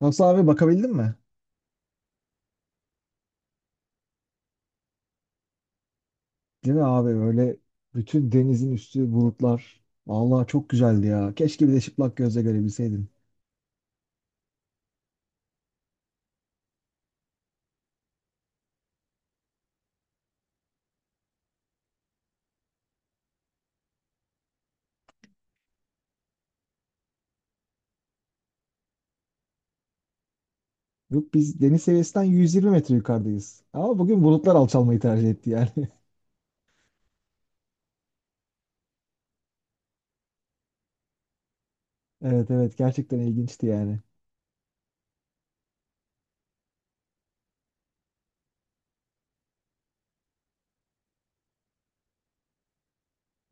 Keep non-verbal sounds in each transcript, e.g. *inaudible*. Nasıl abi bakabildin mi? Değil mi abi öyle bütün denizin üstü bulutlar. Vallahi çok güzeldi ya. Keşke bir de çıplak gözle görebilseydim. Yok biz deniz seviyesinden 120 metre yukarıdayız. Ama bugün bulutlar alçalmayı tercih etti yani. *laughs* Evet, evet, gerçekten ilginçti yani.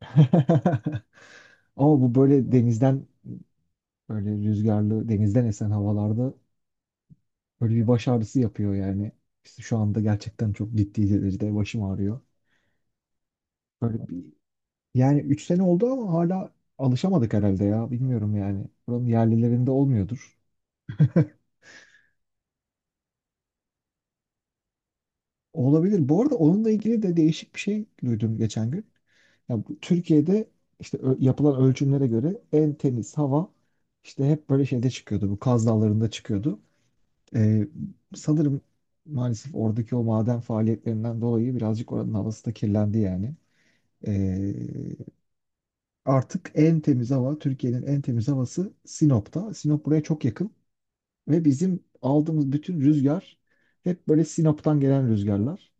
*laughs* Ama bu böyle denizden böyle rüzgarlı denizden esen havalarda böyle bir baş ağrısı yapıyor yani. İşte şu anda gerçekten çok ciddi derecede başım ağrıyor. Böyle bir Yani 3 sene oldu ama hala alışamadık herhalde ya. Bilmiyorum yani. Buranın yerlilerinde olmuyordur. Olabilir. Bu arada onunla ilgili de değişik bir şey duydum geçen gün. Ya bu Türkiye'de işte yapılan ölçümlere göre en temiz hava işte hep böyle şeyde çıkıyordu. Bu Kaz Dağları'nda çıkıyordu. Ee, sanırım maalesef oradaki o maden faaliyetlerinden dolayı birazcık oranın havası da kirlendi yani. Ee, artık en temiz hava, Türkiye'nin en temiz havası Sinop'ta. Sinop buraya çok yakın. Ve bizim aldığımız bütün rüzgar hep böyle Sinop'tan gelen rüzgarlar.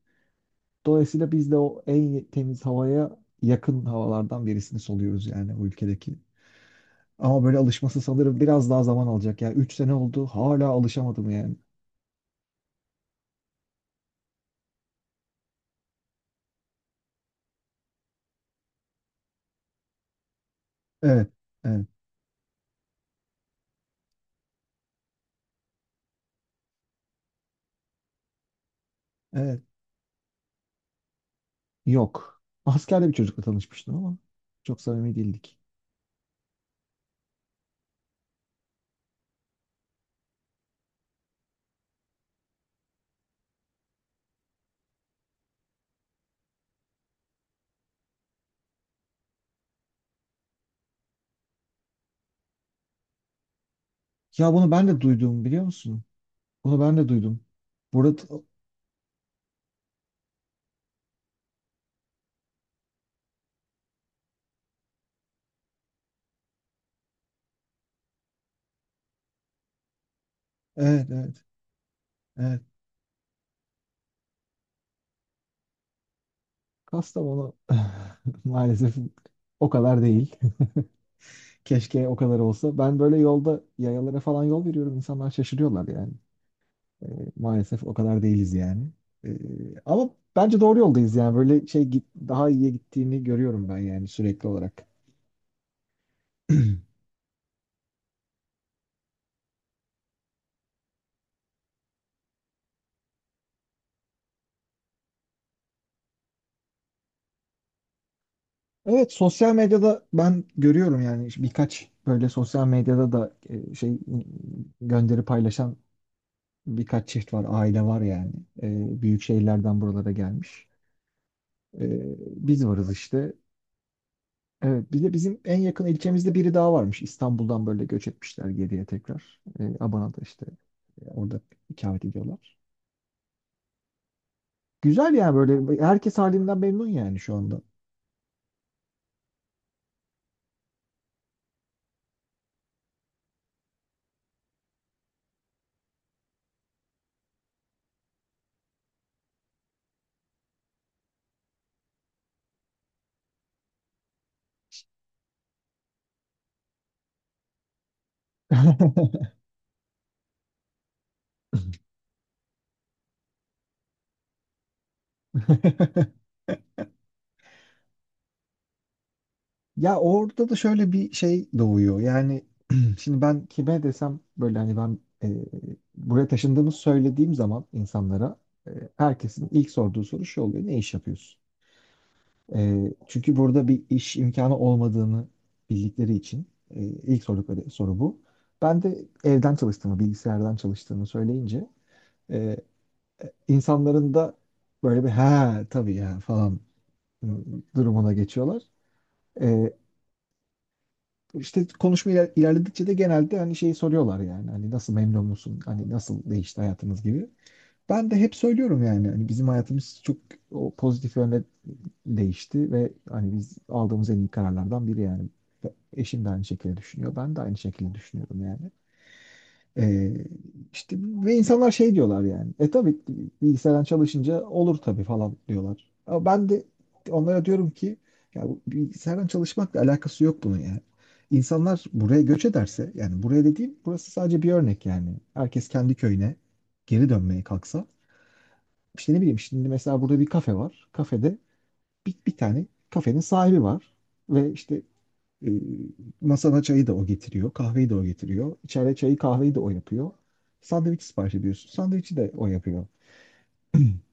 Dolayısıyla biz de o en temiz havaya yakın havalardan birisini soluyoruz yani bu ülkedeki. Ama böyle alışması sanırım biraz daha zaman alacak. Yani 3 sene oldu hala alışamadım yani. Evet, evet, evet. Yok. Askerde bir çocukla tanışmıştım ama çok samimi değildik. Ya bunu ben de duydum biliyor musun? Bunu ben de duydum. Burada evet, evet, evet. Kastamonu *laughs* maalesef o kadar değil. *laughs* Keşke o kadar olsa. Ben böyle yolda yayalara falan yol veriyorum. İnsanlar şaşırıyorlar yani. Ee, maalesef o kadar değiliz yani. Ee, ama bence doğru yoldayız yani. Böyle şey daha iyiye gittiğini görüyorum ben yani sürekli olarak. *clears throat* Evet, sosyal medyada ben görüyorum yani işte birkaç böyle sosyal medyada da şey gönderi paylaşan birkaç çift var, aile var yani. Büyük şehirlerden buralara gelmiş. E, Biz varız işte. Evet, bir de bizim en yakın ilçemizde biri daha varmış. İstanbul'dan böyle göç etmişler geriye tekrar. Abana'da işte orada ikamet ediyorlar. Güzel yani, böyle herkes halinden memnun yani şu anda. *laughs* Ya orada da şöyle bir şey doğuyor. Yani *clears throat* şimdi ben kime desem böyle hani ben buraya taşındığımı söylediğim zaman insanlara e, herkesin ilk sorduğu soru şu oluyor. Ne iş yapıyorsun? Çünkü burada bir iş imkanı olmadığını bildikleri için ilk sordukları soru bu. Ben de evden çalıştığımı, bilgisayardan çalıştığımı söyleyince e, insanların da böyle bir ha tabii ya falan e, durumuna geçiyorlar. E, İşte konuşma ilerledikçe de genelde hani şeyi soruyorlar yani hani nasıl, memnun musun? Hani nasıl değişti hayatınız gibi. Ben de hep söylüyorum yani hani bizim hayatımız çok o pozitif yönde değişti ve hani biz aldığımız en iyi kararlardan biri yani. Eşim de aynı şekilde düşünüyor. Ben de aynı şekilde düşünüyorum yani. Ee, işte ve insanlar şey diyorlar yani. Tabii bilgisayardan çalışınca olur tabii falan diyorlar. Ama ben de onlara diyorum ki ya bu bilgisayardan çalışmakla alakası yok bunun yani. İnsanlar buraya göç ederse yani, buraya dediğim burası sadece bir örnek yani. Herkes kendi köyüne geri dönmeye kalksa işte ne bileyim, şimdi mesela burada bir kafe var. Kafede bir tane kafenin sahibi var ve işte e, masana çayı da o getiriyor, kahveyi de o getiriyor. İçeride çayı kahveyi de o yapıyor. Sandviç sipariş ediyorsun, sandviçi de o yapıyor. *clears throat*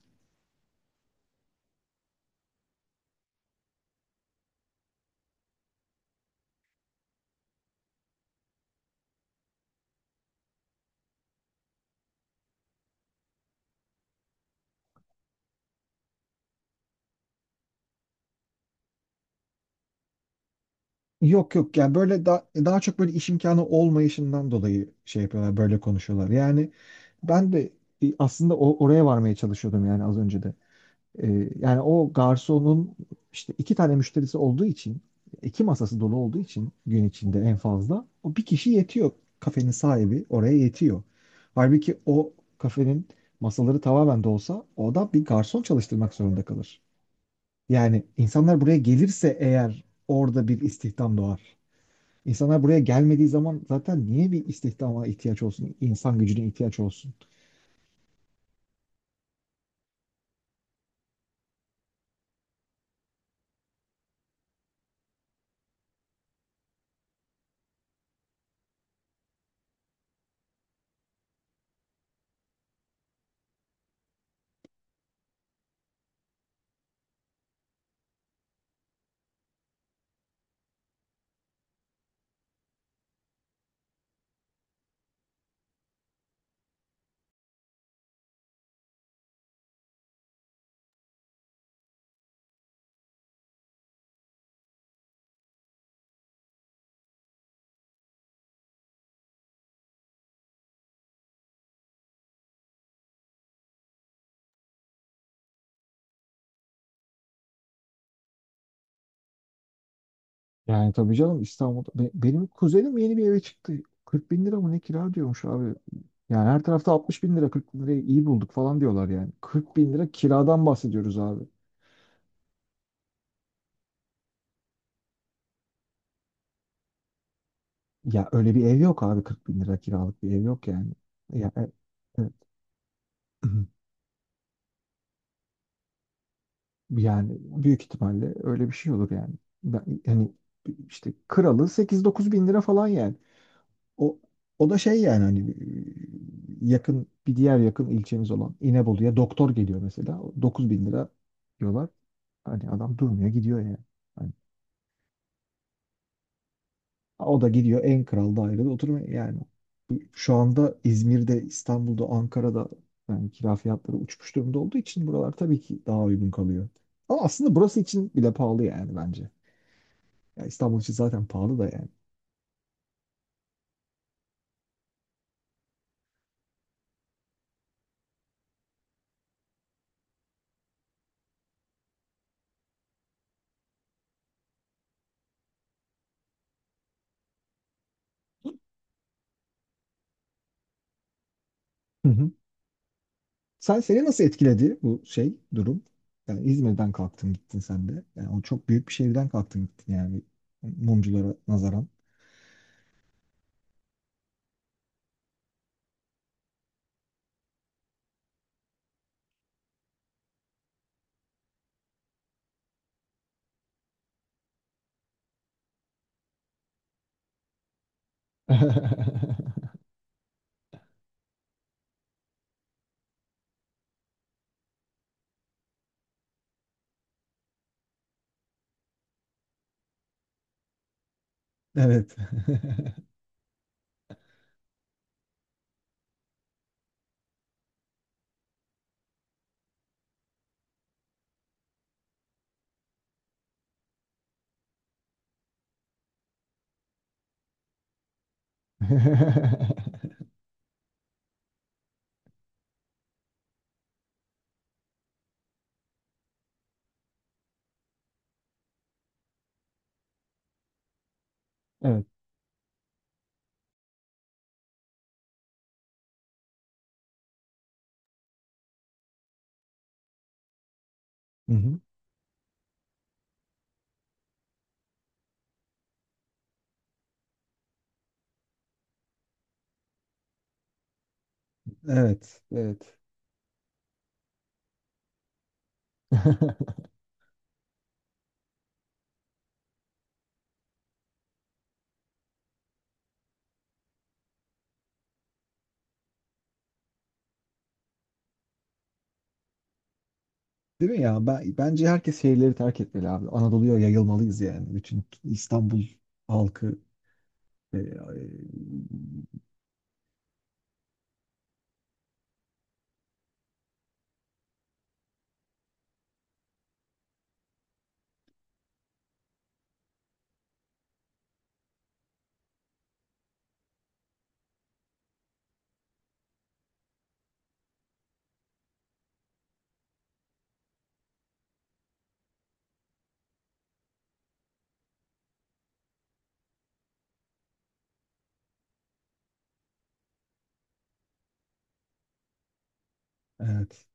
Yok, yok, yani böyle daha çok böyle iş imkanı olmayışından dolayı şey yapıyorlar, böyle konuşuyorlar. Yani ben de aslında oraya varmaya çalışıyordum yani az önce de. Yani o garsonun işte iki tane müşterisi olduğu için, iki masası dolu olduğu için gün içinde en fazla o bir kişi yetiyor. Kafenin sahibi oraya yetiyor. Halbuki o kafenin masaları tamamen dolsa o da bir garson çalıştırmak zorunda kalır. Yani insanlar buraya gelirse eğer orada bir istihdam doğar. İnsanlar buraya gelmediği zaman zaten niye bir istihdama ihtiyaç olsun, insan gücüne ihtiyaç olsun? Yani tabii canım, İstanbul'da. Benim kuzenim yeni bir eve çıktı. 40 bin lira mı ne kira diyormuş abi. Yani her tarafta 60 bin lira, 40 bin lirayı iyi bulduk falan diyorlar yani. 40 bin lira kiradan bahsediyoruz abi. Ya öyle bir ev yok abi, 40 bin lira kiralık bir ev yok yani. Ya, *clears throat* yani büyük ihtimalle öyle bir şey olur yani. Yani işte kralı 8-9 bin lira falan yani. O, o da şey yani hani yakın, bir diğer yakın ilçemiz olan İnebolu'ya doktor geliyor mesela. 9 bin lira diyorlar. Hani adam durmuyor gidiyor yani. Hani o da gidiyor en kral dairede oturuyor yani. Şu anda İzmir'de, İstanbul'da, Ankara'da yani kira fiyatları uçmuş durumda olduğu için buralar tabii ki daha uygun kalıyor. Ama aslında burası için bile pahalı yani bence. Ya İstanbul için zaten pahalı da yani. Hı hı. Seni nasıl etkiledi bu şey durum? Yani İzmir'den kalktın gittin sen de. Yani o çok büyük bir şehirden kalktın gittin yani mumculara nazaran. *laughs* Evet. *laughs* Evet. Hı hı. Evet. Evet. *laughs* Değil mi ya? Bence herkes şehirleri terk etmeli abi. Anadolu'ya yayılmalıyız yani. Bütün İstanbul halkı. e, e, evet.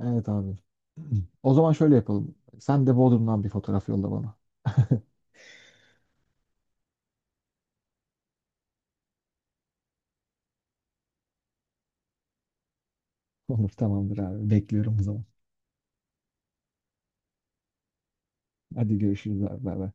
Evet abi. *clears throat* O zaman şöyle yapalım. Sen de Bodrum'dan bir fotoğraf yolla bana. *laughs* Olur, tamamdır abi. Bekliyorum o zaman. Hadi görüşürüz abi. Bay bay.